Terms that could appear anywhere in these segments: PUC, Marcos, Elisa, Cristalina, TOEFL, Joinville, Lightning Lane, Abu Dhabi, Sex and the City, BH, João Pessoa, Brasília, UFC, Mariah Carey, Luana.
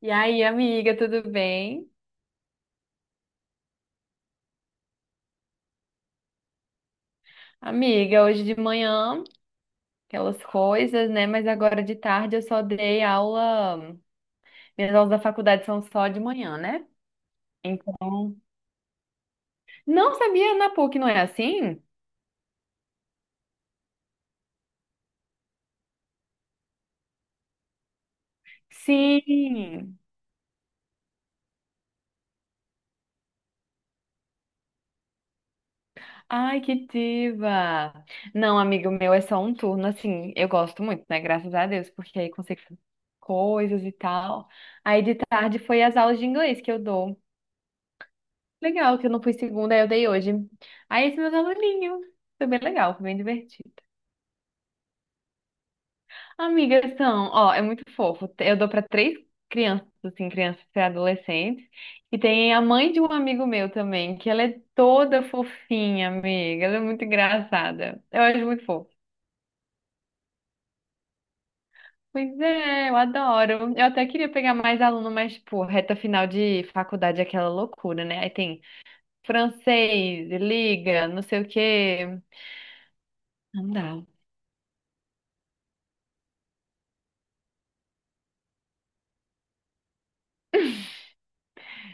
E aí, amiga, tudo bem? Amiga, hoje de manhã, aquelas coisas, né? Mas agora de tarde eu só dei aula. Minhas aulas da faculdade são só de manhã, né? Então, não sabia na PUC, não é assim? Sim! Ai, que diva! Não, amigo meu, é só um turno, assim, eu gosto muito, né? Graças a Deus, porque aí consigo fazer coisas e tal. Aí de tarde foi as aulas de inglês que eu dou. Legal, que eu não fui segunda, aí eu dei hoje. Aí esse meus aluninhos. Foi bem legal, foi bem divertido. Amigas são, ó, é muito fofo. Eu dou pra três crianças, assim, crianças e adolescentes. E tem a mãe de um amigo meu também, que ela é toda fofinha, amiga. Ela é muito engraçada. Eu acho muito fofo. Pois é, eu adoro. Eu até queria pegar mais aluno, mas, tipo, reta final de faculdade é aquela loucura, né? Aí tem francês, liga, não sei o quê. Não dá.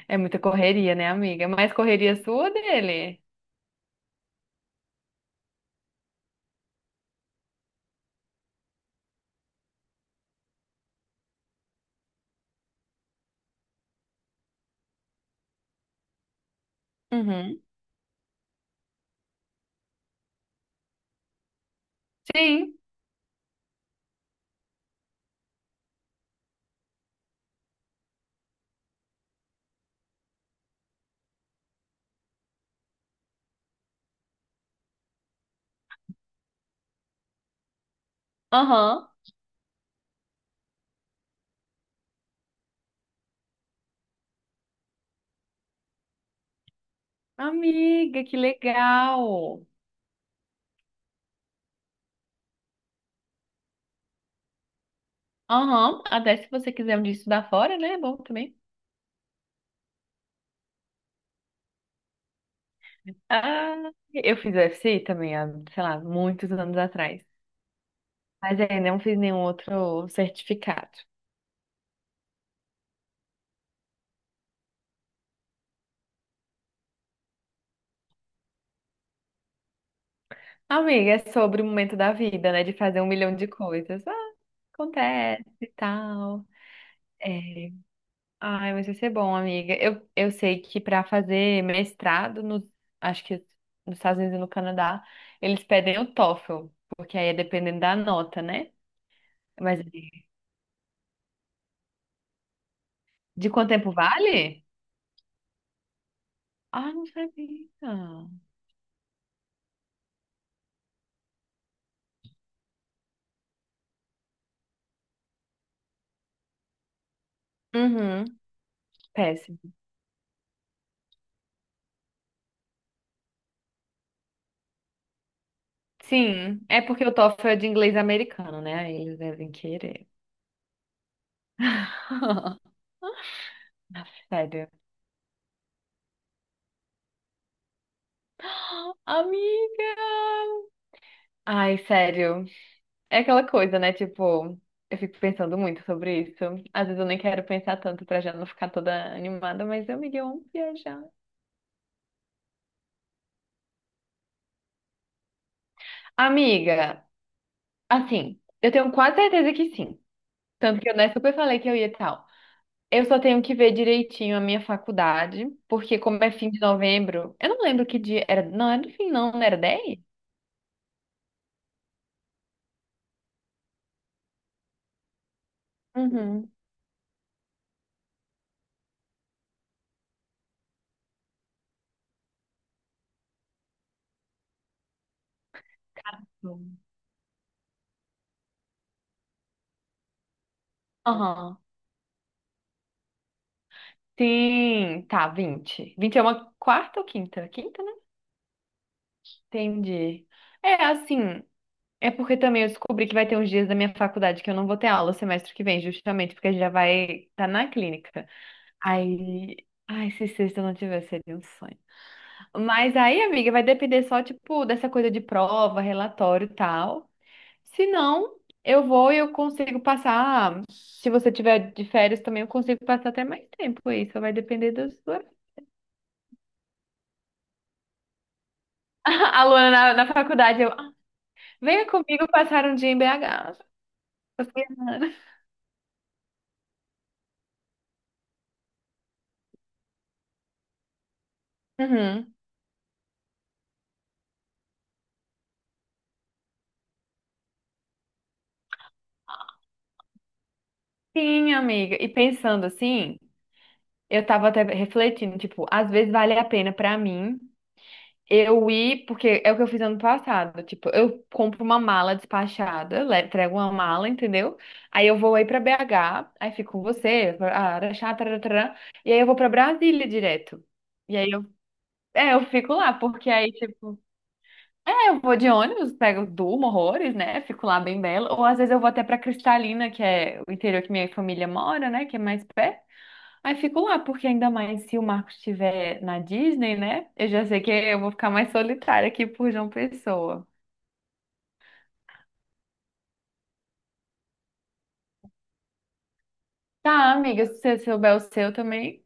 É muita correria, né, amiga? É. Mais correria sua ou dele? Uhum. Sim. Aham. Amiga, que legal. Aham. Até se você quiser um dia estudar fora, né? É bom também. Ah, eu fiz UFC também, há, sei lá, muitos anos atrás. Mas ainda não fiz nenhum outro certificado. Amiga, é sobre o momento da vida, né? De fazer um milhão de coisas. Ah, acontece e tal. É. Ai, mas vai ser bom, amiga. Eu sei que para fazer mestrado, no, acho que nos Estados Unidos e no Canadá, eles pedem o TOEFL, porque aí é dependendo da nota, né? Mas de quanto tempo vale? Ah, não sabia. Uhum, péssimo. Sim, é porque o TOEFL é de inglês americano, né? Aí eles devem querer. Sério. Amiga! Ai, sério. É aquela coisa, né? Tipo, eu fico pensando muito sobre isso. Às vezes eu nem quero pensar tanto pra já não ficar toda animada, mas amiga, eu amo viajar. Amiga, assim, eu tenho quase certeza que sim. Tanto que eu, né, super falei que eu ia e tal. Eu só tenho que ver direitinho a minha faculdade, porque como é fim de novembro, eu não lembro que dia era. Não, era do fim, não, não era 10? Uhum. Aham. Sim, tá, 20. 20 é uma quarta ou quinta? Quinta, né? Entendi. É assim. É porque também eu descobri que vai ter uns dias da minha faculdade que eu não vou ter aula semestre que vem, justamente porque já vai estar na clínica. Aí, ai, se sexta eu não tiver, seria um sonho. Mas aí, amiga, vai depender só, tipo, dessa coisa de prova, relatório e tal. Se não, eu vou e eu consigo passar. Se você tiver de férias também, eu consigo passar até mais tempo aí, só vai depender do sua. A Luana na faculdade, eu, "Ah, venha comigo passar um dia em BH. Uhum. Sim, amiga. E pensando assim, eu tava até refletindo, tipo, às vezes vale a pena pra mim eu ir, porque é o que eu fiz ano passado, tipo, eu compro uma mala despachada, entrego uma mala, entendeu? Aí eu vou aí pra BH, aí fico com você, ah, Araxá, tarará, e aí eu vou pra Brasília direto. E aí eu fico lá, porque aí, tipo, eu vou de ônibus, pego, durmo horrores, né? Fico lá bem bela. Ou às vezes eu vou até pra Cristalina, que é o interior que minha família mora, né? Que é mais perto. Aí fico lá, porque ainda mais se o Marcos estiver na Disney, né? Eu já sei que eu vou ficar mais solitária aqui por João Pessoa. Tá, amiga, se você souber o seu também.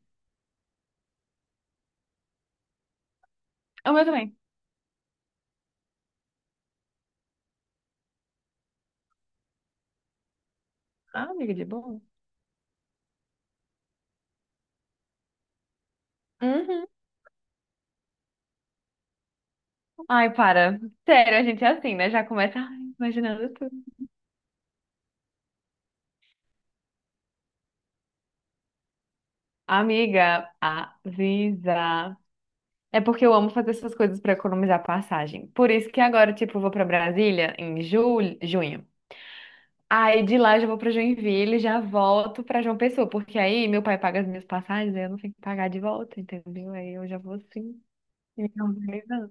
O meu também. Ah, amiga, de boa. Uhum. Ai, para. Sério, a gente é assim, né? Já começa, ai, imaginando tudo. Amiga, avisa. É porque eu amo fazer essas coisas pra economizar passagem. Por isso que agora, tipo, eu vou pra Brasília em julho, junho. Aí de lá eu já vou para Joinville, e já volto para João Pessoa, porque aí meu pai paga as minhas passagens, aí eu não tenho que pagar de volta, entendeu? Aí eu já vou assim, me organizando.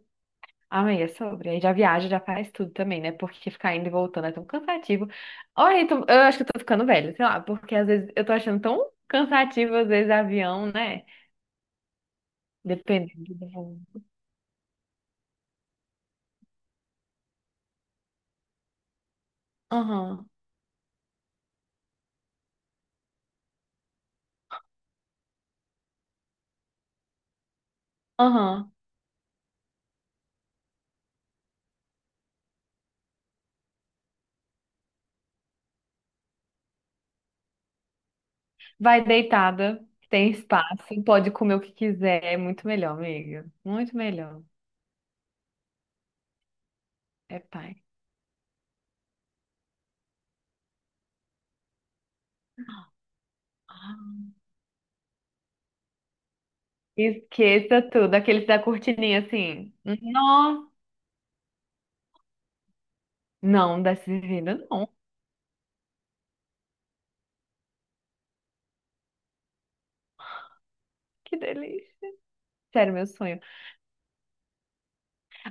Amanhã é sobre. Aí já viaja, já faz tudo também, né? Porque ficar indo e voltando é tão cansativo. Olha, eu acho que eu tô ficando velha, sei lá, porque às vezes eu tô achando tão cansativo, às vezes, avião, né? Dependendo do voo. Aham, aham. Vai deitada, tem espaço, pode comer o que quiser, é muito melhor, amiga. Muito melhor. É pai. Esqueça tudo, aqueles da cortininha assim. Nossa! Não, dá vida não. Que delícia. Sério, meu sonho.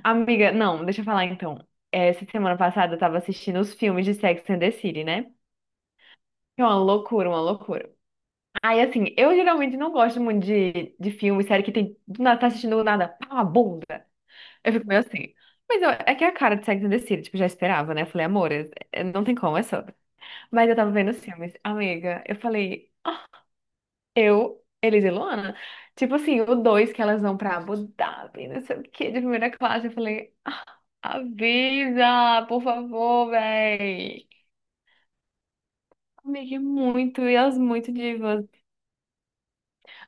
Amiga, não, deixa eu falar então. Essa semana passada eu tava assistindo os filmes de Sex and the City, né? É uma loucura, uma loucura. Aí, assim, eu geralmente não gosto muito de filme, série que tem. Do nada, tá assistindo do nada, pá, uma bunda. Eu fico meio assim. Mas é que é a cara de Sex and the City, tipo, já esperava, né? Eu falei, amor, não tem como, é só. Mas eu tava vendo os filmes. Amiga, eu falei. Eu, Elisa e Luana, tipo assim, o 2 que elas vão pra Abu Dhabi, não sei o quê, de primeira classe, eu falei, avisa, por favor, véi. Amiga, é muito, e elas muito divas.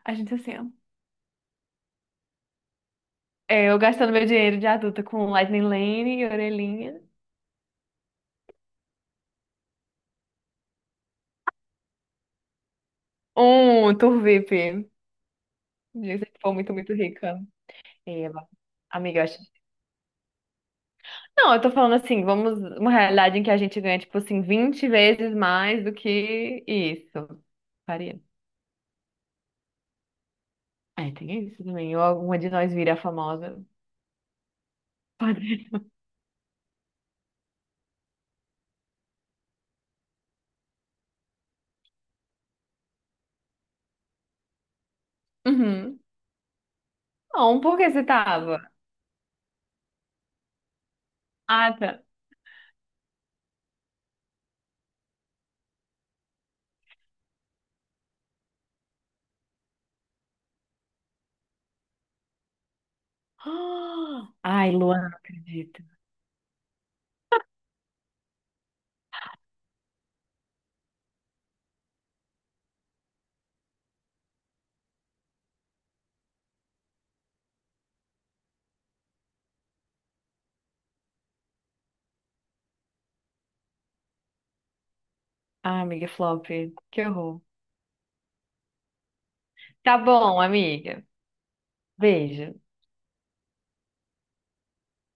A gente assim, ó, eu gastando meu dinheiro de adulta com Lightning Lane e orelhinha. Um, Tour VIP. Diz que foi muito, muito rica. Eba. Amiga, eu acho. Não, eu tô falando assim, vamos, uma realidade em que a gente ganha, tipo assim, 20 vezes mais do que isso. Faria. É, tem isso também. Ou alguma de nós vira famosa. Pode. Uhum. Não, por que você tava? Ah, tá. Ah, Ai, Luana, não acredito. Ai, amiga, flop. Que horror. Tá bom, amiga. Beijo.